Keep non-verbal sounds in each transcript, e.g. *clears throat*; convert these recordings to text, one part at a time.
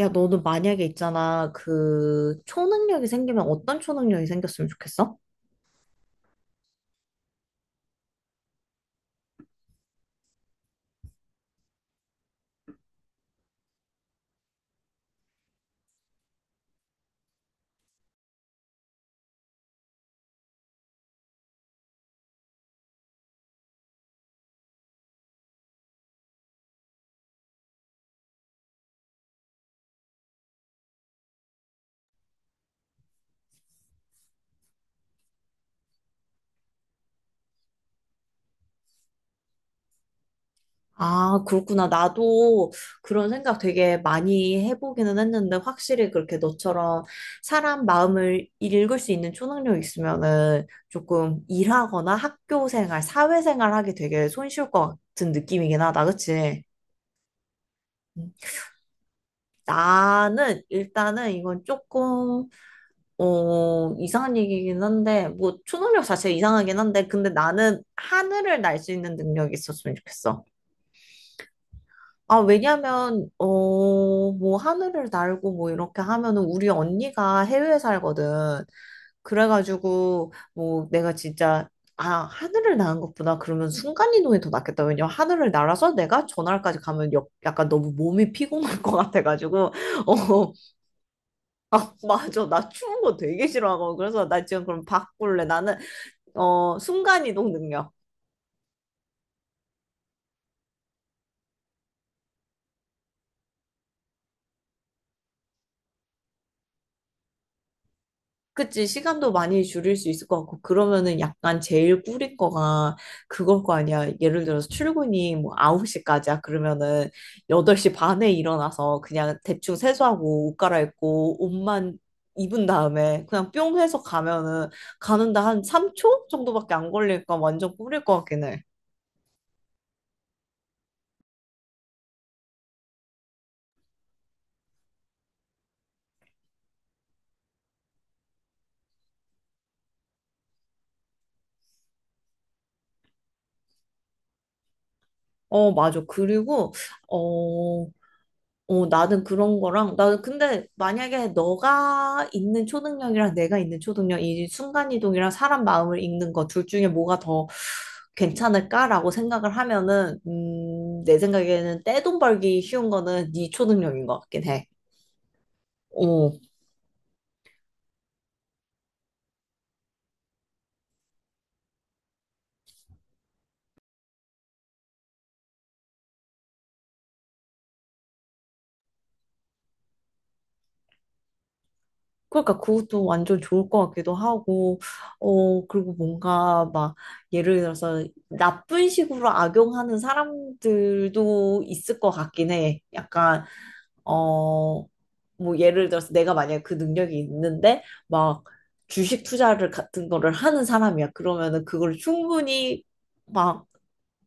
야, 너는 만약에 있잖아. 그, 초능력이 생기면 어떤 초능력이 생겼으면 좋겠어? 아, 그렇구나. 나도 그런 생각 되게 많이 해보기는 했는데, 확실히 그렇게 너처럼 사람 마음을 읽을 수 있는 초능력이 있으면은 조금 일하거나 학교 생활, 사회 생활 하기 되게 손쉬울 것 같은 느낌이긴 하다. 그치? 음. 나는 일단은 이건 조금 이상한 얘기긴 한데, 뭐, 초능력 자체가 이상하긴 한데, 근데 나는 하늘을 날 수 있는 능력이 있었으면 좋겠어. 아, 왜냐면, 뭐, 하늘을 날고 뭐, 이렇게 하면은, 우리 언니가 해외에 살거든. 그래가지고, 뭐, 내가 진짜, 아, 하늘을 나는 것보다 그러면 순간이동이 더 낫겠다. 왜냐면 하늘을 날아서 내가 전화까지 가면 약간 너무 몸이 피곤할 것 같아가지고, 어, 아, 맞아. 나 추운 거 되게 싫어하고. 그래서 나 지금 그럼 바꿀래. 나는 순간이동 능력. 그치, 시간도 많이 줄일 수 있을 것 같고, 그러면은 약간 제일 뿌릴 거가 그걸 거 아니야. 예를 들어서 출근이 뭐 9시까지야. 그러면은 8시 반에 일어나서 그냥 대충 세수하고 옷 갈아입고 옷만 입은 다음에 그냥 뿅 해서 가면은 가는데 한 3초 정도밖에 안 걸릴까 완전 뿌릴 것 같긴 해. 어, 맞아. 그리고, 어, 나는 그런 거랑, 나는 근데 만약에 너가 있는 초능력이랑 내가 있는 초능력, 이 순간이동이랑 사람 마음을 읽는 거 둘 중에 뭐가 더 괜찮을까라고 생각을 하면은, 내 생각에는 떼돈 벌기 쉬운 거는 네 초능력인 것 같긴 해. 어, 그러니까 그것도 완전 좋을 것 같기도 하고, 그리고 뭔가 막, 예를 들어서 나쁜 식으로 악용하는 사람들도 있을 것 같긴 해. 약간, 어, 뭐 예를 들어서 내가 만약에 그 능력이 있는데 막 주식 투자를 같은 거를 하는 사람이야. 그러면은 그걸 충분히 막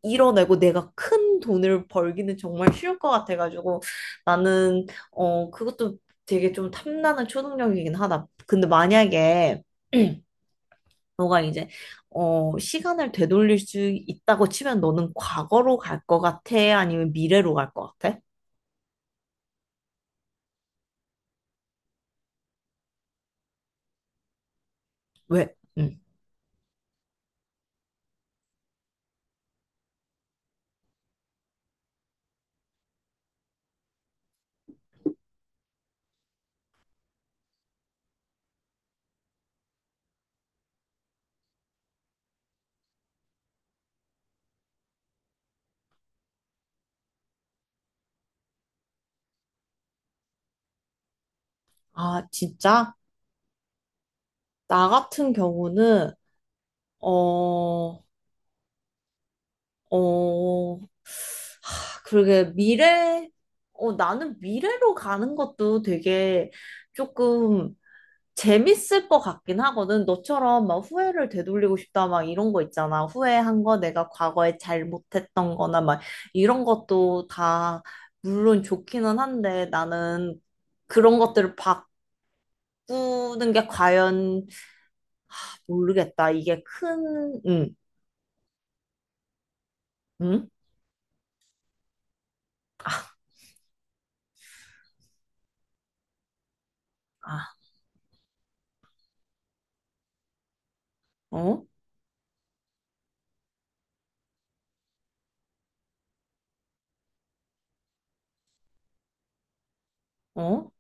이뤄내고 내가 큰 돈을 벌기는 정말 쉬울 것 같아가지고 나는 그것도 되게 좀 탐나는 초능력이긴 하다. 근데 만약에 *clears throat* 너가 이제 시간을 되돌릴 수 있다고 치면 너는 과거로 갈 것 같아? 아니면 미래로 갈 것 같아? 왜? 응. 아, 진짜? 나 같은 경우는, 어, 어, 그러게, 나는 미래로 가는 것도 되게 조금 재밌을 것 같긴 하거든. 너처럼 막 후회를 되돌리고 싶다, 막 이런 거 있잖아. 후회한 거, 내가 과거에 잘못했던 거나 막 이런 것도 다, 물론 좋기는 한데 나는 그런 것들을 바꾸는 게 과연 모르겠다. 이게 큰, 응, 응? 아, 어? 어?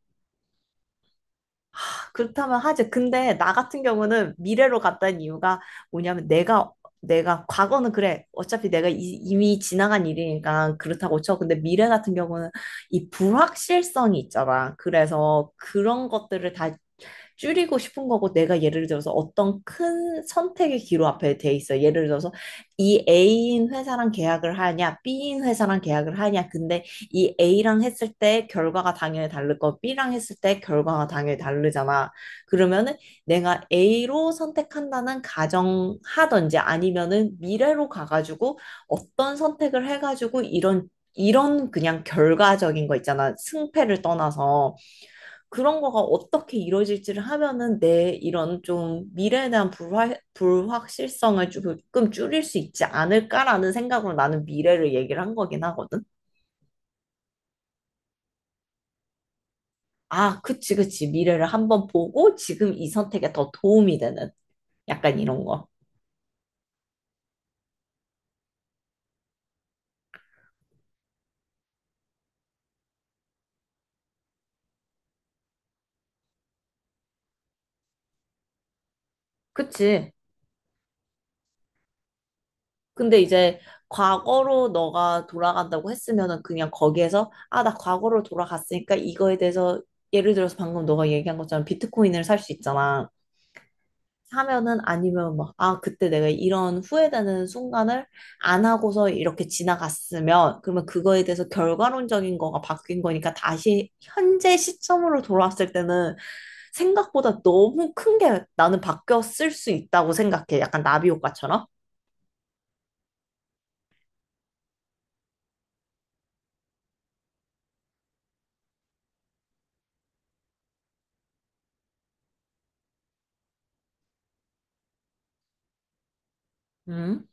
그렇다면 하지. 근데 나 같은 경우는 미래로 갔다는 이유가 뭐냐면 내가 과거는 그래. 어차피 내가 이미 지나간 일이니까 그렇다고 쳐. 근데 미래 같은 경우는 이 불확실성이 있잖아. 그래서 그런 것들을 다시 줄이고 싶은 거고 내가 예를 들어서 어떤 큰 선택의 기로 앞에 돼 있어. 예를 들어서 이 A인 회사랑 계약을 하냐, B인 회사랑 계약을 하냐. 근데 이 A랑 했을 때 결과가 당연히 다를 거, B랑 했을 때 결과가 당연히 다르잖아. 그러면은 내가 A로 선택한다는 가정하던지 아니면은 미래로 가가지고 어떤 선택을 해가지고 이런 그냥 결과적인 거 있잖아. 승패를 떠나서 그런 거가 어떻게 이루어질지를 하면은 내 이런 좀 미래에 대한 불확실성을 조금 줄일 수 있지 않을까라는 생각으로 나는 미래를 얘기를 한 거긴 하거든. 아, 그치, 그치. 미래를 한번 보고 지금 이 선택에 더 도움이 되는 약간 이런 거. 그치. 근데 이제 과거로 너가 돌아간다고 했으면은 그냥 거기에서 아, 나 과거로 돌아갔으니까 이거에 대해서 예를 들어서 방금 너가 얘기한 것처럼 비트코인을 살 수 있잖아. 사면은 아니면 막, 아, 그때 내가 이런 후회되는 순간을 안 하고서 이렇게 지나갔으면, 그러면 그거에 대해서 결과론적인 거가 바뀐 거니까 다시 현재 시점으로 돌아왔을 때는 생각보다 너무 큰 게 나는 바뀌었을 수 있다고 생각해. 약간 나비 효과처럼. 음.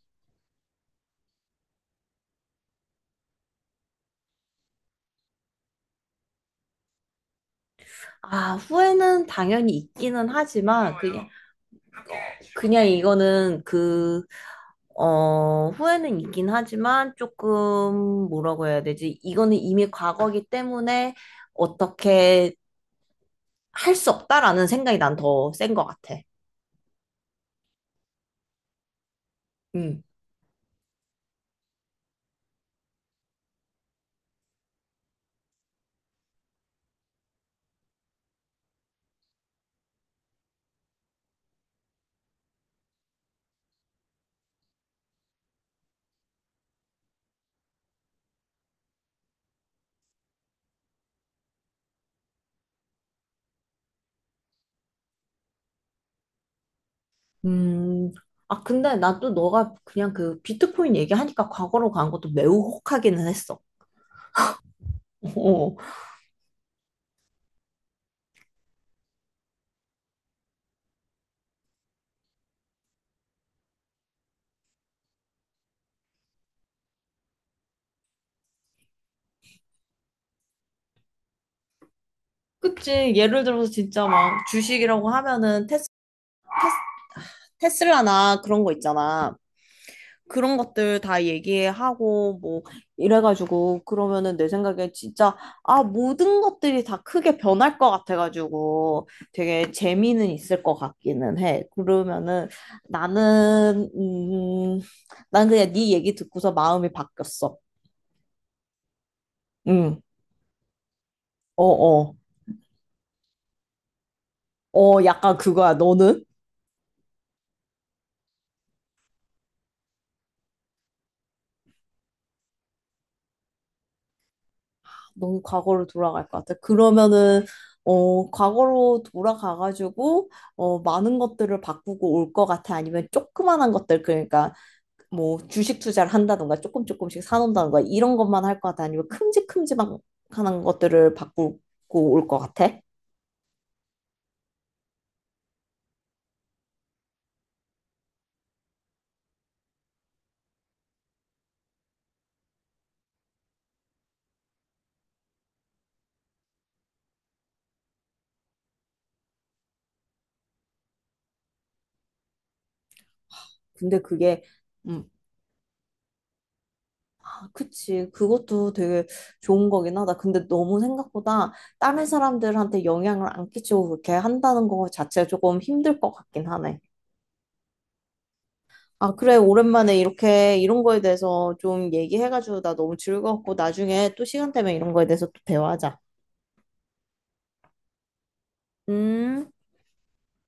아, 후회는 당연히 있기는 하지만 그게 그냥 이거는 후회는 있긴 하지만 조금 뭐라고 해야 되지? 이거는 이미 과거기 때문에 어떻게 할 수 없다라는 생각이 난 더 센 것 같아. 음. 음. 아, 근데 난 또 너가 그냥 그 비트코인 얘기하니까 과거로 간 것도 매우 혹하기는 했어. *laughs* 어. 그치. 예를 들어서 진짜 막 주식이라고 하면은 테스, 테슬라나 그런 거 있잖아. 그런 것들 다 얘기하고 뭐 이래가지고 그러면은 내 생각에 진짜 아 모든 것들이 다 크게 변할 것 같아가지고 되게 재미는 있을 것 같기는 해. 그러면은 나는 난 그냥 네 얘기 듣고서 마음이 바뀌었어. 응. 어, 어. 어, 약간 그거야. 너는? 너무 과거로 돌아갈 것 같아. 그러면은 과거로 돌아가가지고 많은 것들을 바꾸고 올 것 같아. 아니면 조그만한 것들 그러니까 뭐 주식 투자를 한다던가 조금 조금씩 사놓는다던가 이런 것만 할 것 같아. 아니면 큼직큼직한 것들을 바꾸고 올 것 같아. 근데 그게 음, 아, 그치. 그것도 되게 좋은 거긴 하다. 근데 너무 생각보다 다른 사람들한테 영향을 안 끼치고 그렇게 한다는 거 자체가 조금 힘들 것 같긴 하네. 아, 그래. 오랜만에 이렇게 이런 거에 대해서 좀 얘기해가지고 나 너무 즐거웠고 나중에 또 시간 되면 이런 거에 대해서 또 대화하자. 음.